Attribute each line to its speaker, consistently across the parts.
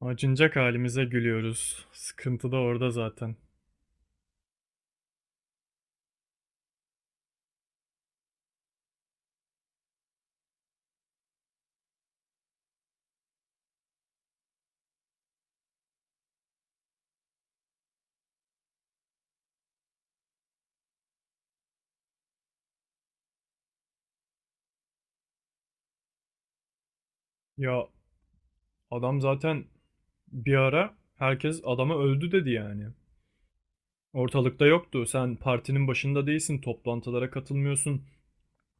Speaker 1: Acınacak halimize gülüyoruz. Sıkıntı da orada zaten. Ya adam zaten bir ara herkes adama öldü dedi yani. Ortalıkta yoktu. Sen partinin başında değilsin, toplantılara katılmıyorsun,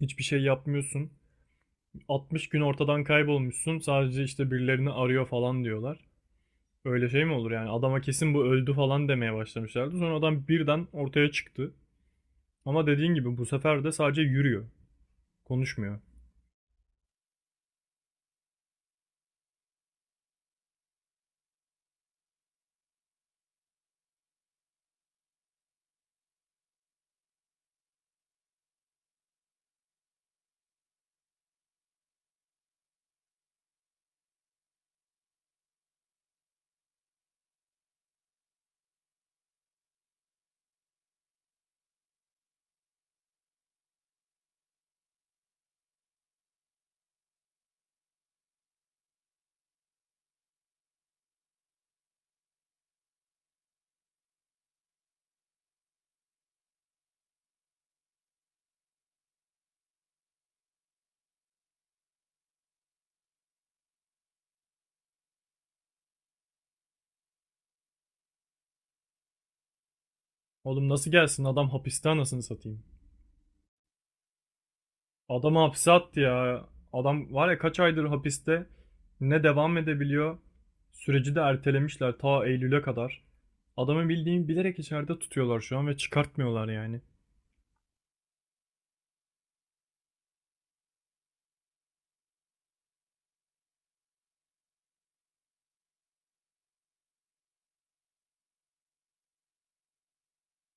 Speaker 1: hiçbir şey yapmıyorsun. 60 gün ortadan kaybolmuşsun. Sadece işte birilerini arıyor falan diyorlar. Öyle şey mi olur yani? Adama kesin bu öldü falan demeye başlamışlardı. Sonra adam birden ortaya çıktı. Ama dediğin gibi bu sefer de sadece yürüyor. Konuşmuyor. Oğlum nasıl gelsin? Adam hapiste anasını satayım. Adam hapse attı ya. Adam var ya kaç aydır hapiste ne devam edebiliyor. Süreci de ertelemişler ta Eylül'e kadar. Adamı bildiğin bilerek içeride tutuyorlar şu an ve çıkartmıyorlar yani.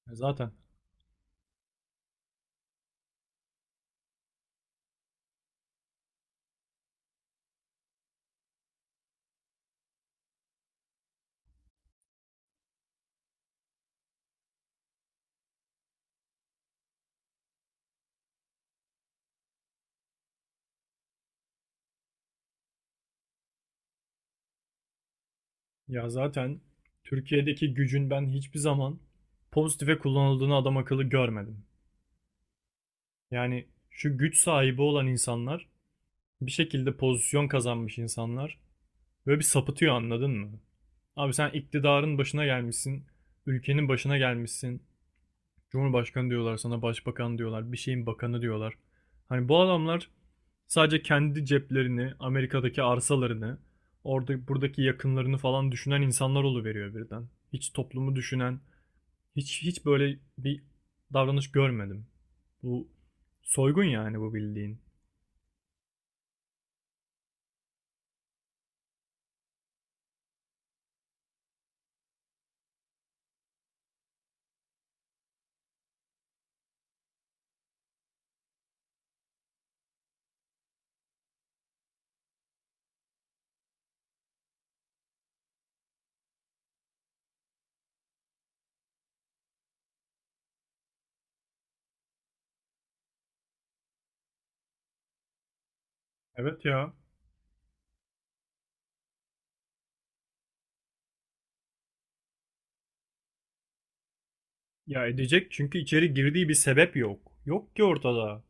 Speaker 1: Ya Zaten ya zaten Türkiye'deki gücün ben hiçbir zaman pozitife kullanıldığını adam akıllı görmedim. Yani şu güç sahibi olan insanlar bir şekilde pozisyon kazanmış insanlar. Böyle bir sapıtıyor anladın mı? Abi sen iktidarın başına gelmişsin. Ülkenin başına gelmişsin. Cumhurbaşkanı diyorlar sana, başbakan diyorlar, bir şeyin bakanı diyorlar. Hani bu adamlar sadece kendi ceplerini, Amerika'daki arsalarını, orada buradaki yakınlarını falan düşünen insanlar oluveriyor birden. Hiç toplumu düşünen, hiç böyle bir davranış görmedim. Bu soygun yani bu bildiğin. Evet ya. Ya edecek çünkü içeri girdiği bir sebep yok. Yok ki ortada.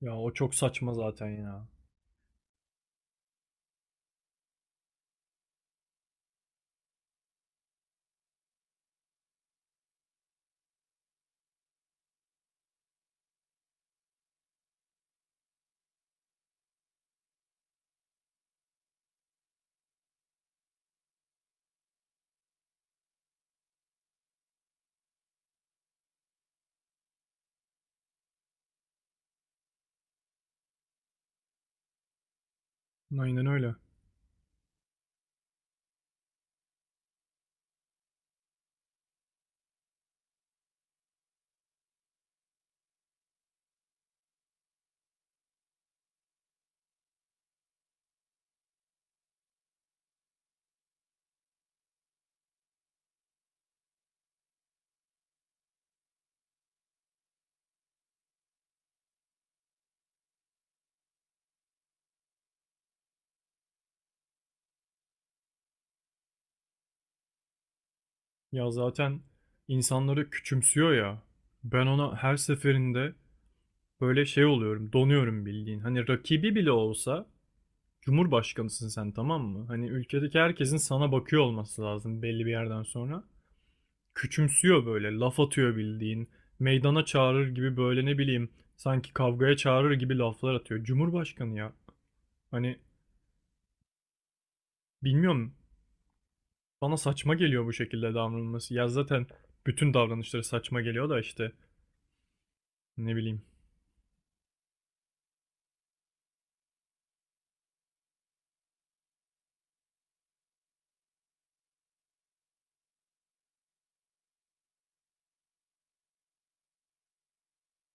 Speaker 1: Ya o çok saçma zaten ya. Aynen öyle. Ya zaten insanları küçümsüyor ya. Ben ona her seferinde böyle şey oluyorum, donuyorum bildiğin. Hani rakibi bile olsa Cumhurbaşkanısın sen, tamam mı? Hani ülkedeki herkesin sana bakıyor olması lazım belli bir yerden sonra. Küçümsüyor böyle, laf atıyor bildiğin. Meydana çağırır gibi böyle ne bileyim, sanki kavgaya çağırır gibi laflar atıyor. Cumhurbaşkanı ya. Hani bilmiyorum. Bana saçma geliyor bu şekilde davranılması. Ya zaten bütün davranışları saçma geliyor da işte ne bileyim.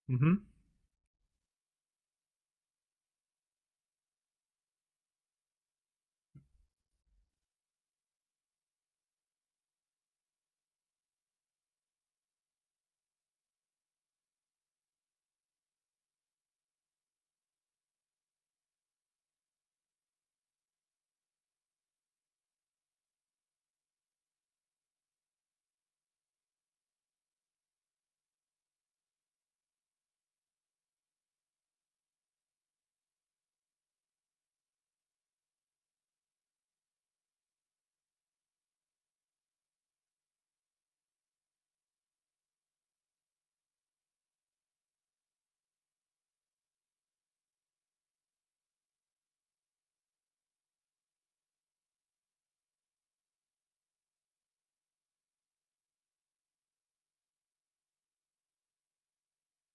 Speaker 1: Hı hı.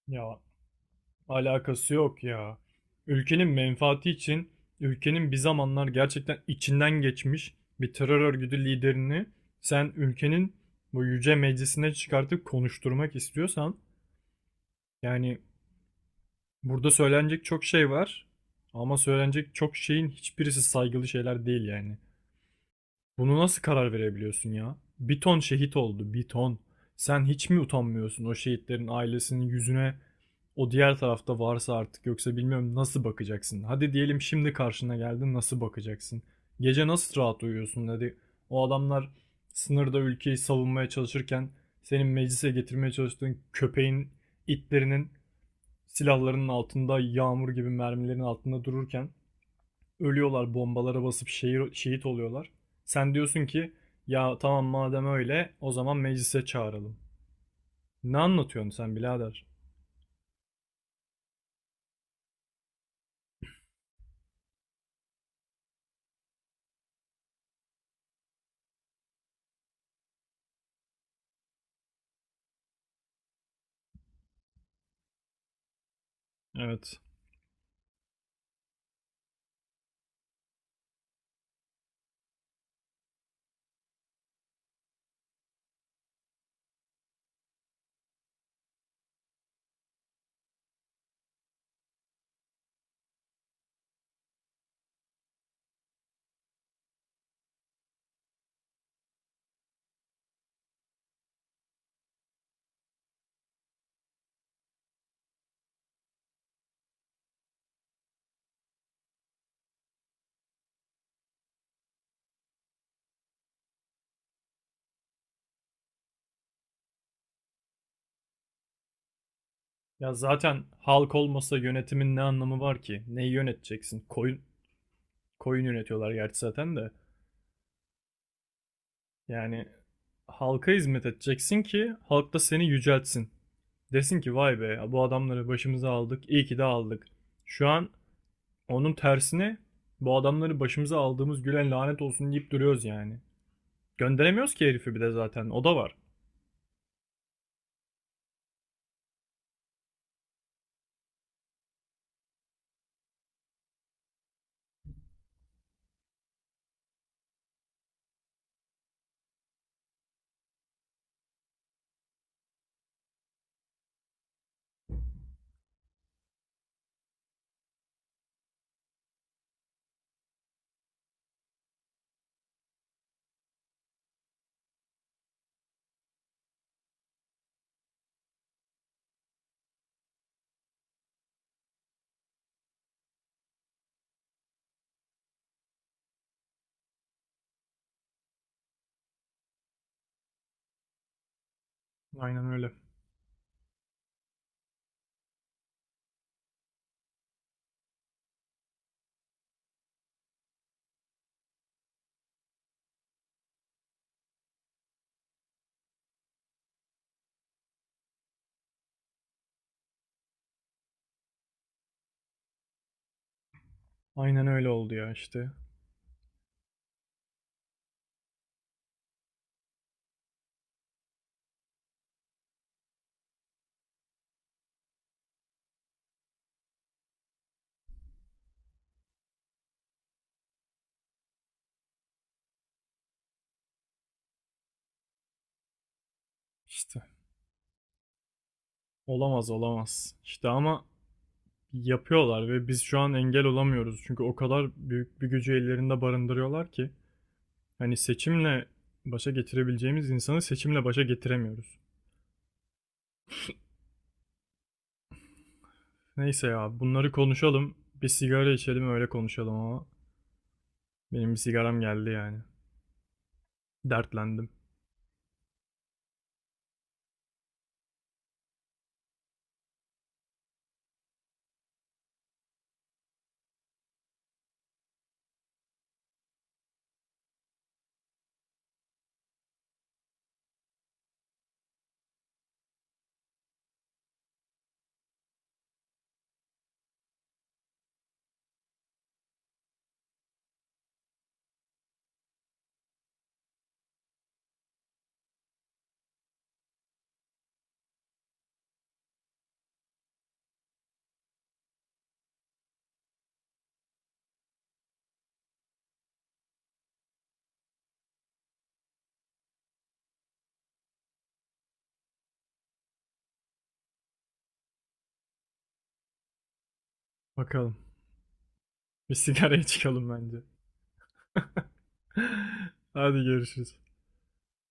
Speaker 1: Ya alakası yok ya. Ülkenin menfaati için ülkenin bir zamanlar gerçekten içinden geçmiş bir terör örgütü liderini sen ülkenin bu yüce meclisine çıkartıp konuşturmak istiyorsan yani burada söylenecek çok şey var ama söylenecek çok şeyin hiçbirisi saygılı şeyler değil yani. Bunu nasıl karar verebiliyorsun ya? Bir ton şehit oldu, bir ton. Sen hiç mi utanmıyorsun o şehitlerin ailesinin yüzüne? O diğer tarafta varsa artık yoksa bilmiyorum nasıl bakacaksın? Hadi diyelim şimdi karşına geldi nasıl bakacaksın? Gece nasıl rahat uyuyorsun? Hadi o adamlar sınırda ülkeyi savunmaya çalışırken senin meclise getirmeye çalıştığın köpeğin, itlerinin silahlarının altında, yağmur gibi mermilerin altında dururken ölüyorlar bombalara basıp şehir, şehit oluyorlar. Sen diyorsun ki ya tamam madem öyle o zaman meclise çağıralım. Ne anlatıyorsun sen birader? Evet. Ya zaten halk olmasa yönetimin ne anlamı var ki? Neyi yöneteceksin? Koyun, koyun yönetiyorlar gerçi zaten de. Yani halka hizmet edeceksin ki halk da seni yüceltsin. Desin ki vay be bu adamları başımıza aldık iyi ki de aldık. Şu an onun tersine bu adamları başımıza aldığımız gülen lanet olsun deyip duruyoruz yani. Gönderemiyoruz ki herifi bir de zaten. O da var. Aynen öyle. Aynen öyle oldu ya işte. İşte. Olamaz olamaz. İşte ama yapıyorlar ve biz şu an engel olamıyoruz. Çünkü o kadar büyük bir gücü ellerinde barındırıyorlar ki. Hani seçimle başa getirebileceğimiz insanı seçimle başa getiremiyoruz. Neyse ya bunları konuşalım. Bir sigara içelim öyle konuşalım ama. Benim bir sigaram geldi yani. Dertlendim. Bakalım. Bir sigaraya çıkalım bence. Hadi görüşürüz.